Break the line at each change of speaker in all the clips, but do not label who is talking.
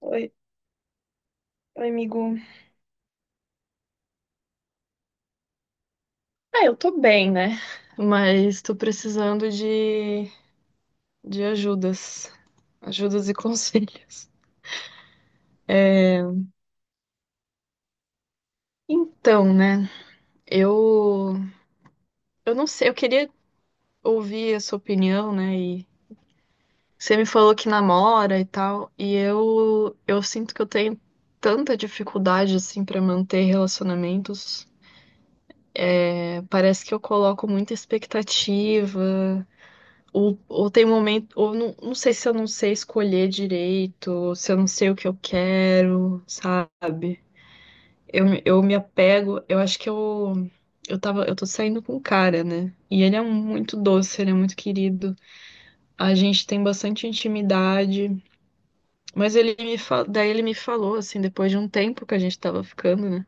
Oi, oi, amigo. Ah, eu tô bem, né? Mas tô precisando de ajudas. Ajudas e conselhos. Então, né? Eu, eu não sei, eu queria ouvir a sua opinião, né? E você me falou que namora e tal, eu sinto que eu tenho tanta dificuldade, assim, pra manter relacionamentos. É, parece que eu coloco muita expectativa. Ou tem momento, ou não sei se eu não sei escolher direito, ou se eu não sei o que eu quero, sabe? Eu me apego, eu tô saindo com um cara, né? E muito doce, ele é muito querido. A gente tem bastante intimidade, mas daí ele me falou, assim, depois de um tempo que a gente tava ficando, né?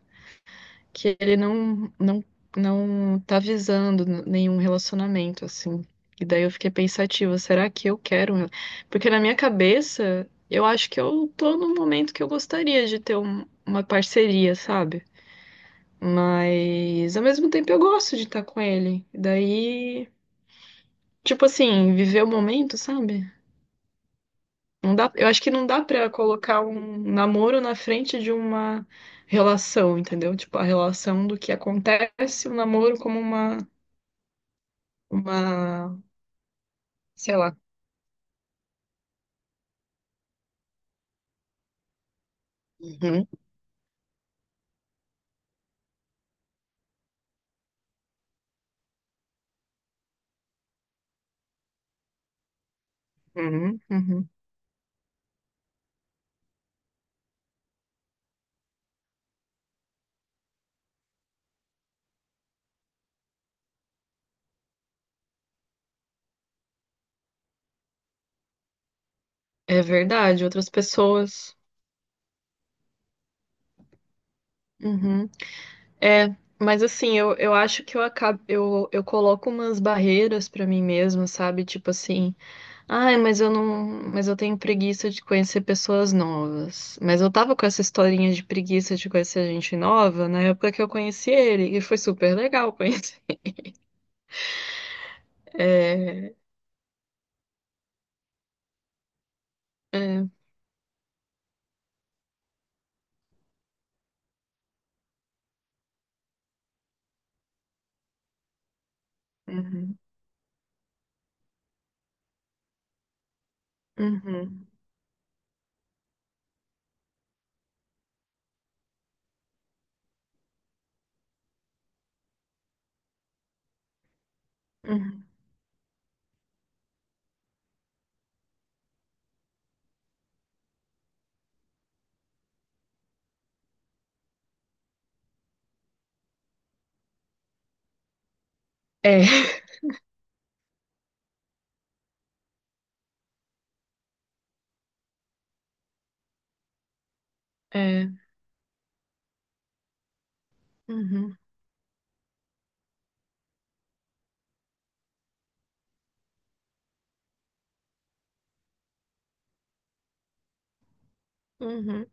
Que ele não tá visando nenhum relacionamento assim. E daí eu fiquei pensativa, será que eu quero? Porque na minha cabeça, eu acho que eu tô num momento que eu gostaria de ter uma parceria, sabe? Mas ao mesmo tempo eu gosto de estar com ele. Daí, tipo assim, viver o momento, sabe? Não dá, eu acho que não dá pra colocar um namoro na frente de uma relação, entendeu? Tipo, a relação do que acontece, o namoro como uma, sei lá. Uhum, uhum, uhum. É verdade, outras pessoas. Uhum. É, mas assim, eu acho que eu acabo, eu coloco umas barreiras pra mim mesma, sabe? Tipo assim, ai, mas eu não, mas eu tenho preguiça de conhecer pessoas novas. Mas eu tava com essa historinha de preguiça de conhecer gente nova na época que eu conheci ele, e foi super legal conhecer. É, é. Uhum, uhum, uhum. É, é. Uhum, uhum.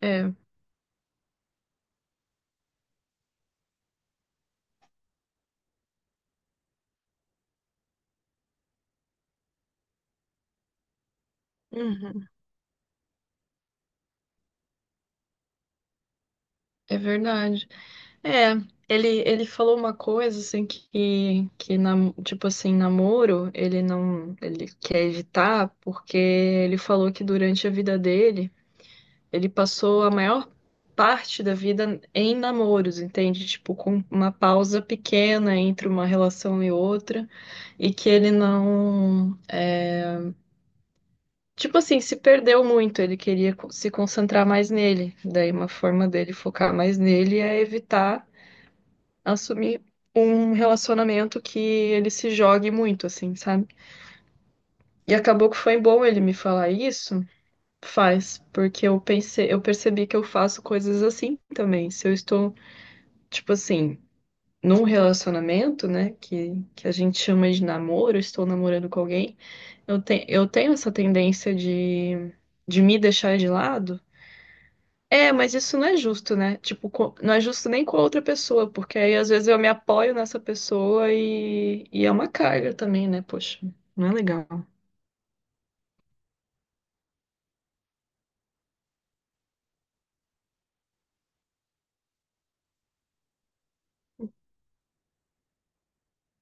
É, uhum, é verdade. É, ele falou uma coisa assim tipo assim, namoro, ele não, ele quer evitar porque ele falou que durante a vida dele, ele passou a maior parte da vida em namoros, entende? Tipo, com uma pausa pequena entre uma relação e outra, e que ele não, tipo assim, se perdeu muito, ele queria se concentrar mais nele. Daí uma forma dele focar mais nele é evitar assumir um relacionamento que ele se jogue muito, assim, sabe? E acabou que foi bom ele me falar isso. Faz, porque eu pensei, eu percebi que eu faço coisas assim também. Se eu estou, tipo assim, num relacionamento, né, que a gente chama de namoro, estou namorando com alguém, eu tenho essa tendência de me deixar de lado. É, mas isso não é justo, né? Tipo, não é justo nem com a outra pessoa, porque aí às vezes eu me apoio nessa pessoa e é uma carga também, né? Poxa, não é legal.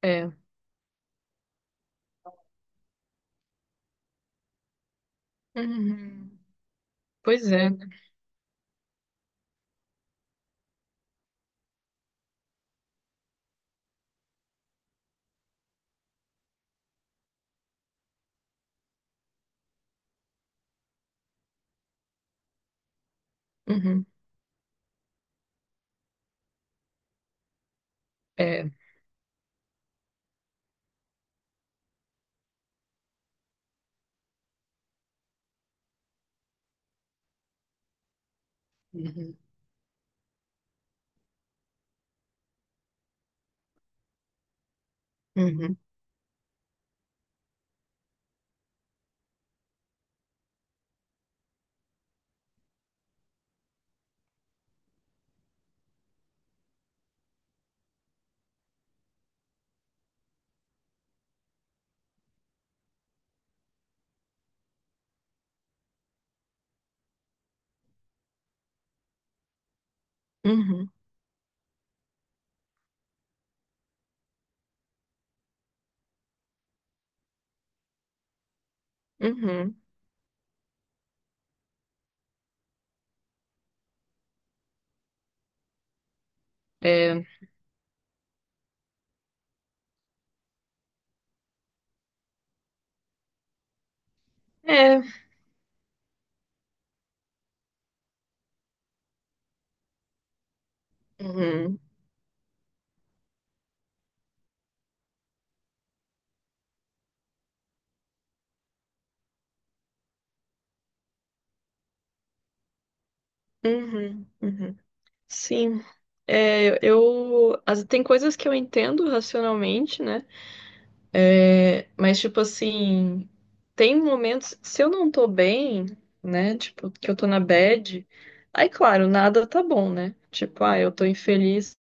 É. Uhum. Pois é, né? Uhum. É. Uhum. Uhum. Uhum. Uhum. É. É. Uhum. Uhum. Uhum. Sim. É, tem coisas que eu entendo racionalmente, né? É, mas, tipo assim, tem momentos, se eu não tô bem, né? Tipo, que eu tô na bad, aí, claro, nada tá bom, né? Tipo, ah, eu tô infeliz.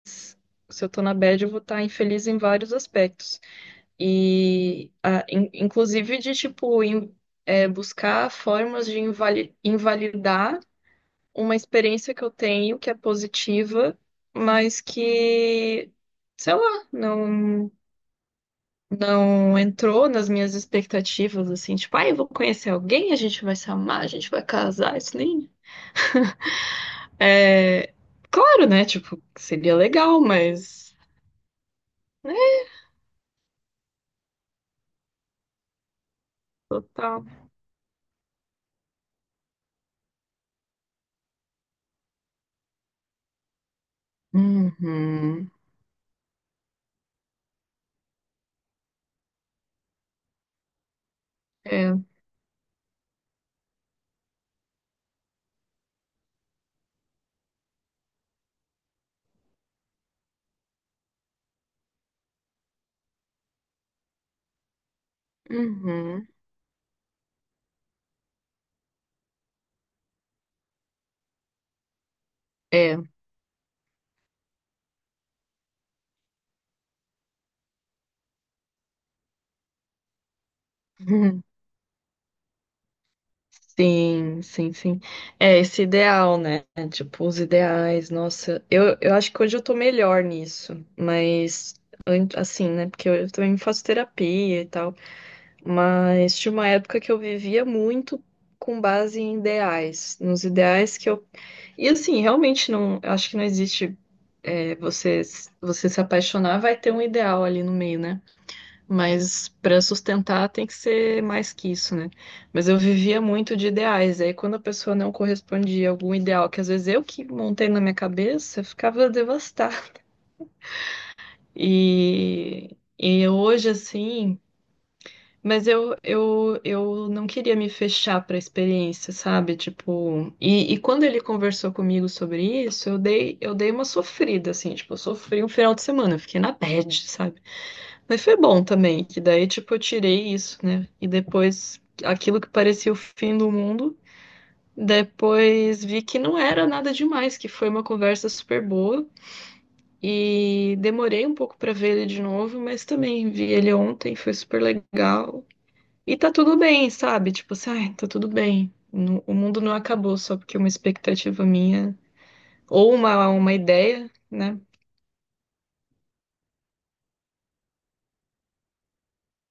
Se eu tô na bad, eu vou estar infeliz em vários aspectos. E, ah, inclusive, de, tipo, é, buscar formas de invalidar uma experiência que eu tenho que é positiva, mas que, sei lá, não entrou nas minhas expectativas, assim, tipo, ah, eu vou conhecer alguém, a gente vai se amar, a gente vai casar, isso nem. É, claro, né? Tipo, seria legal, mas. Né? Total. Uhum. É. Uhum. É. Uhum. Sim, sim, sim. É esse ideal, né? Tipo, os ideais, nossa. Eu acho que hoje eu tô melhor nisso, mas. Assim, né? Porque eu também faço terapia e tal. Mas tinha uma época que eu vivia muito com base em ideais, nos ideais que eu. E assim, realmente não, eu acho que não existe é, você, você se apaixonar, vai ter um ideal ali no meio, né? Mas para sustentar tem que ser mais que isso, né? Mas eu vivia muito de ideais, aí quando a pessoa não correspondia a algum ideal, que às vezes eu que montei na minha cabeça, eu ficava devastada. E hoje, assim. Mas eu não queria me fechar para a experiência, sabe? Tipo, e quando ele conversou comigo sobre isso, eu dei uma sofrida, assim, tipo, eu sofri um final de semana, eu fiquei na bad, sabe? Mas foi bom também, que daí, tipo, eu tirei isso, né? E depois, aquilo que parecia o fim do mundo, depois vi que não era nada demais, que foi uma conversa super boa. E demorei um pouco para ver ele de novo, mas também vi ele ontem, foi super legal. E tá tudo bem, sabe? Tipo assim, ai, tá tudo bem. O mundo não acabou só porque uma expectativa minha ou uma ideia, né?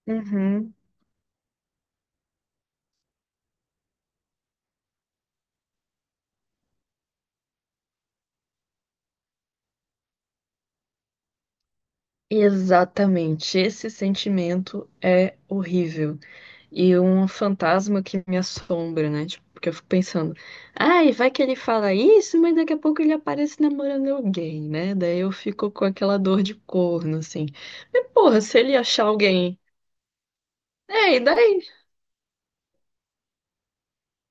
Uhum. Exatamente. Esse sentimento é horrível. E um fantasma que me assombra, né? Tipo, porque eu fico pensando, ai, vai que ele fala isso, mas daqui a pouco ele aparece namorando alguém, né? Daí eu fico com aquela dor de corno, assim. Mas, porra, se ele achar alguém. É, e daí?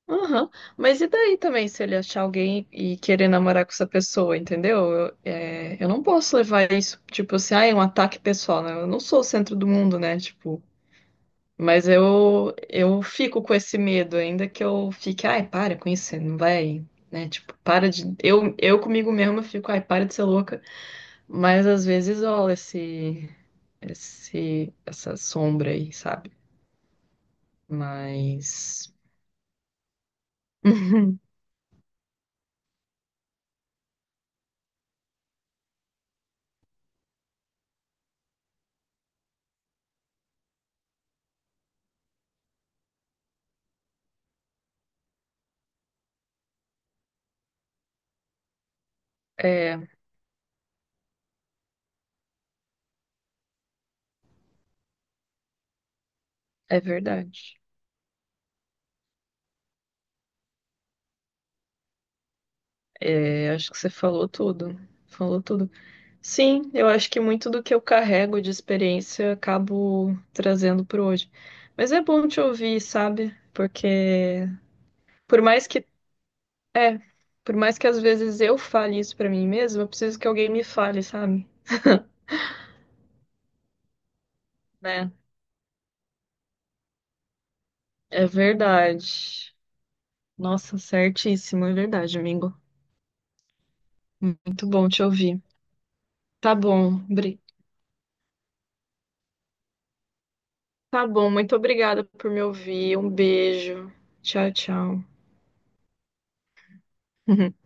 Aham. Mas e daí também, se ele achar alguém e querer namorar com essa pessoa, entendeu? Eu não posso levar isso, tipo assim, ah, é um ataque pessoal, né? Eu não sou o centro do mundo, né? Tipo, mas eu fico com esse medo, ainda que eu fique, ai, para com isso, você não vai, né? Tipo, para de. Eu comigo mesma fico, ai, para de ser louca. Mas às vezes rola essa sombra aí, sabe? Mas. É, é verdade. É, acho que você falou tudo. Falou tudo. Sim, eu acho que muito do que eu carrego de experiência eu acabo trazendo para hoje. Mas é bom te ouvir, sabe? Porque por mais que é, por mais que às vezes eu fale isso para mim mesma, eu preciso que alguém me fale, sabe? Né? É verdade. Nossa, certíssimo, é verdade, amigo. Muito bom te ouvir. Tá bom, Bri. Tá bom, muito obrigada por me ouvir. Um beijo. Tchau, tchau.